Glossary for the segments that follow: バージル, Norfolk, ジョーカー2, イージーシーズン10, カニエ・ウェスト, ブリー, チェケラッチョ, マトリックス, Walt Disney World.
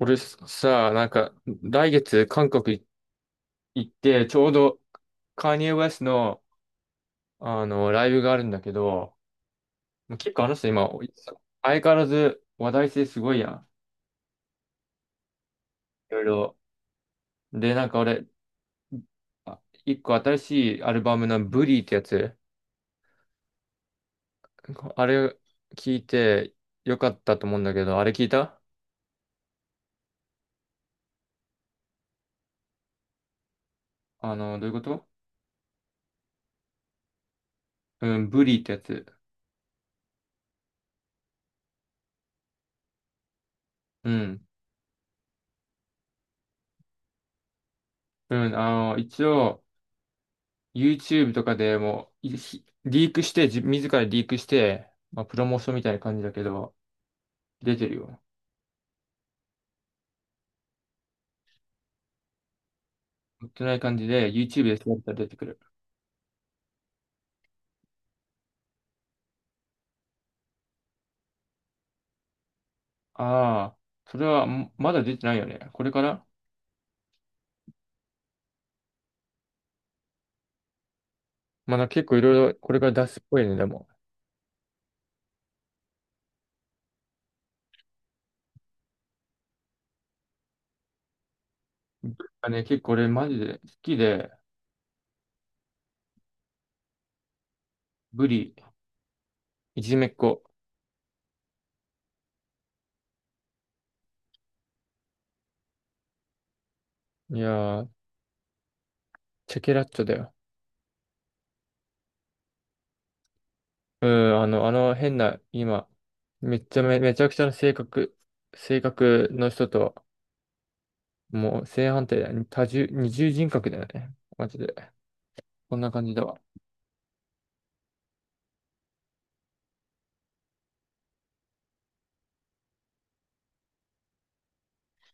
俺さ、なんか、来月韓国行って、ちょうどカニエ・ウェストの、ライブがあるんだけど、結構あの人今、相変わらず話題性すごいやん。いろいろ。で、なんか俺、一個新しいアルバムのブリーってやつ、あれ聞いてよかったと思うんだけど、あれ聞いた？どういうこと？うん、ブリーってやつ。うん。うん、一応、YouTube とかでもう、リークして、自らリークして、まあ、プロモーションみたいな感じだけど、出てるよ。売ってない感じで、YouTube で調べたら出てくる。ああ、それは、まだ出てないよね。これからまだ結構いろいろ、これから出すっぽいね、でも。あね、結構俺マジで好きで、ブリ、いじめっ子。いやー、チェケラッチョだよ。うん、変な、今、めちゃくちゃな性格の人と、もう正反対だよね。多重、二重人格だよね。マジで。こんな感じだわ。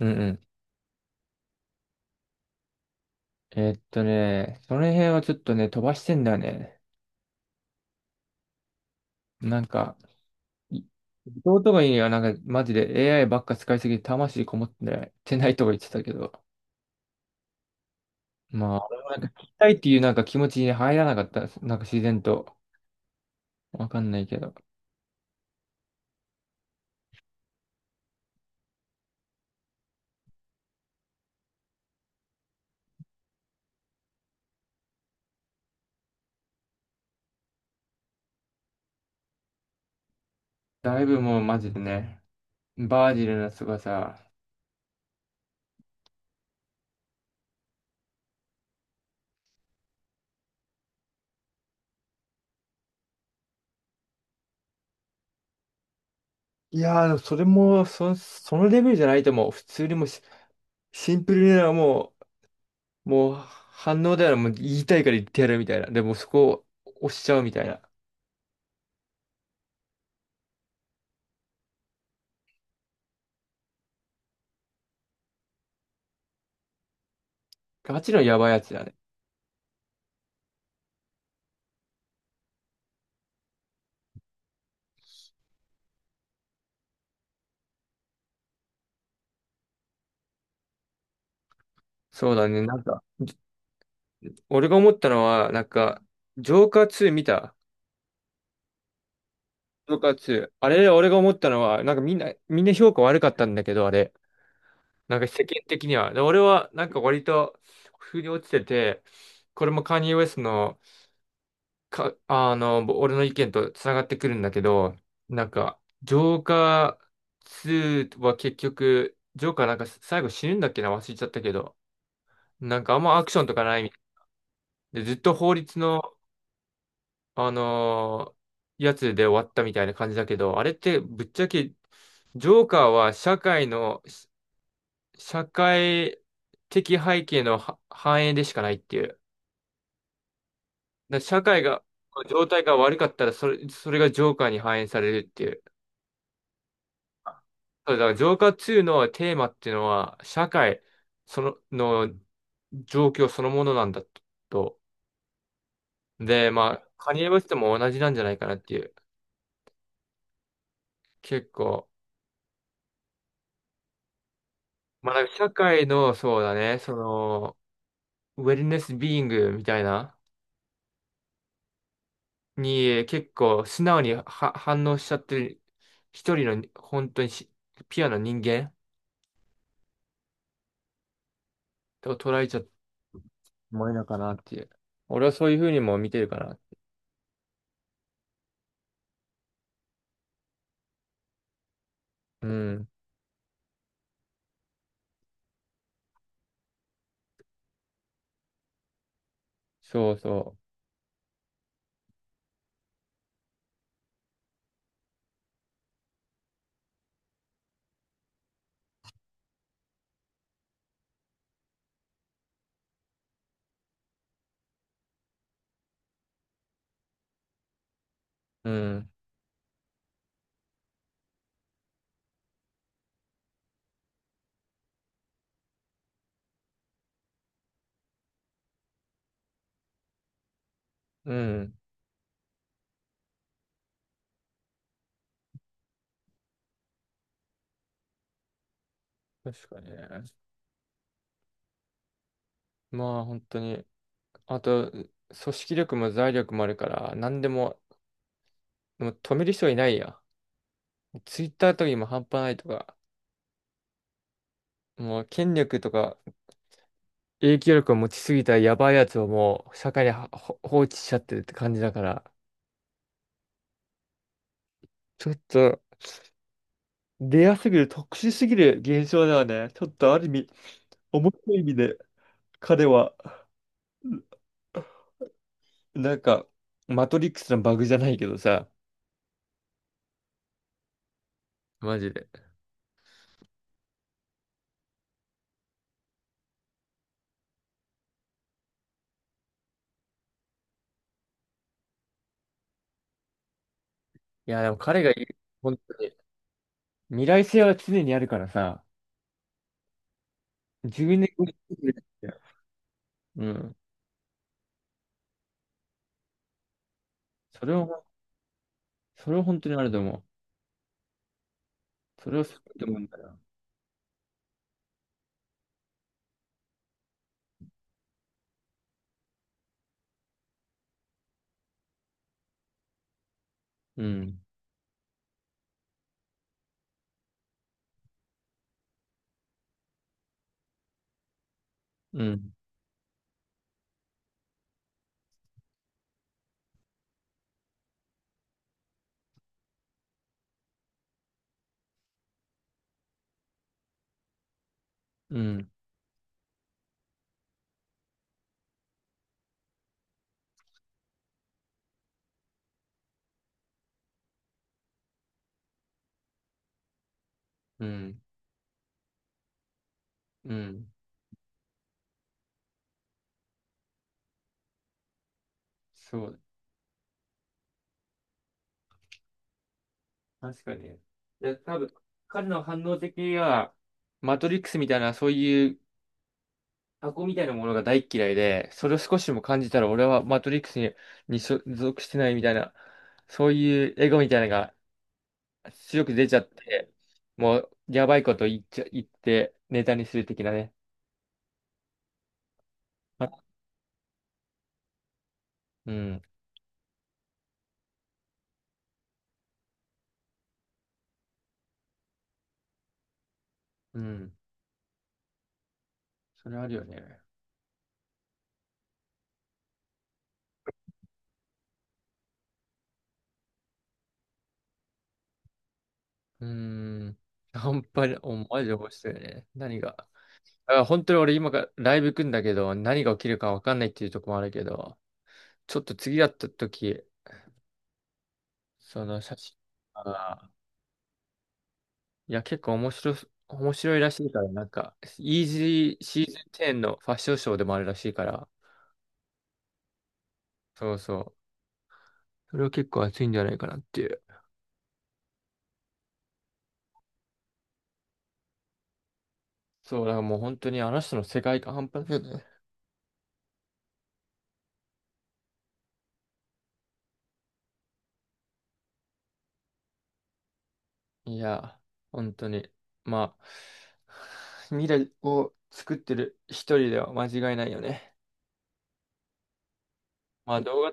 うんうん。ね、その辺はちょっとね、飛ばしてんだよね。なんか、い弟がいいにはなんか、マジで AI ばっか使いすぎて魂こもってないとか言ってたけど。まあ、俺もなんか聞きたいっていうなんか気持ちに入らなかったです。なんか自然と。わかんないけど。だいぶもうマジでね、バージルの凄さ。いやー、でもそれも、そのレベルじゃないともう。普通にもうシンプルなもう、もう反応ではもう言いたいから言ってやるみたいな。でもそこを押しちゃうみたいな。ガチのやばいやつだね。そうだね。なんか、俺が思ったのは、なんか、ジョーカー2見たジョーカー2。あれ、俺が思ったのは、なんかみんな評価悪かったんだけど、あれ。なんか世間的には。で、俺は、なんか割と、腑に落ちてて、これもカニエ・ウェストのか、俺の意見とつながってくるんだけど、なんか、ジョーカー2は結局、ジョーカーなんか最後死ぬんだっけな、忘れちゃったけど、なんかあんまアクションとかないみたいで、ずっと法律の、あのーやつで終わったみたいな感じだけど、あれってぶっちゃけ、ジョーカーは社会の、社会的背景のは反映でしかないっていう。だから社会が、状態が悪かったら、それがジョーカーに反映されるっていう。そう、だから浄化2のテーマっていうのは、社会その、の状況そのものなんだと。で、まあ、カニエ・ウェストも同じなんじゃないかなっていう。結構。まあ、なんか社会の、そうだね、ウェルネス・ビーイングみたいな、に結構素直には反応しちゃってる、一人の本当にピュアな人間と捉えちゃってもいいのかなっていう。俺はそういうふうにも見てるかな。うん。そうそう。うん。うん。確かにね。まあ本当に。あと、組織力も財力もあるから、何でも、でも止める人いないや。ツイッターとかにも半端ないとか、もう権力とか影響力を持ちすぎたやばいやつをもう社会には放置しちゃってるって感じだから、ちょっとレアすぎる、特殊すぎる現象ではね、ちょっとある意味、面白い意味で彼は、なんか、マトリックスのバグじゃないけどさ、マジで。いや、でも彼がいる、本当に未来性は常にあるからさ、自分でこうやってくれるんだよ。うん。それを、それを本当にあると思う。それをすごいと思うんだよ。うん。うん。うん。うん。うん。そう。確かに。で、多分、彼の反応的には、マトリックスみたいな、そういう箱みたいなものが大っ嫌いで、それを少しでも感じたら、俺はマトリックスに所属してないみたいな、そういうエゴみたいなのが出力出ちゃって、もう、やばいこと言って、ネタにする的なね。あうん。うん。それあるよね。うーん。半端に、マジで面白いね。何が？だから本当に俺今からライブ行くんだけど、何が起きるかわかんないっていうとこもあるけど、ちょっと次やった時、その写真が、いや、結構面白いらしいから、なんか、イージーシーズン10のファッションショーでもあるらしいから、そうそう。それは結構熱いんじゃないかなっていう。そう、だからもう本当にあの人の世界観半端ないよね。いや、本当に。まあ、未来を作ってる一人では間違いないよね。まあ動画、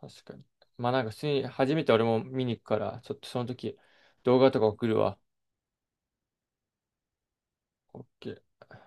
確かに。まあなんか普通に初めて俺も見に行くから、ちょっとその時動画とか送るわ。OK。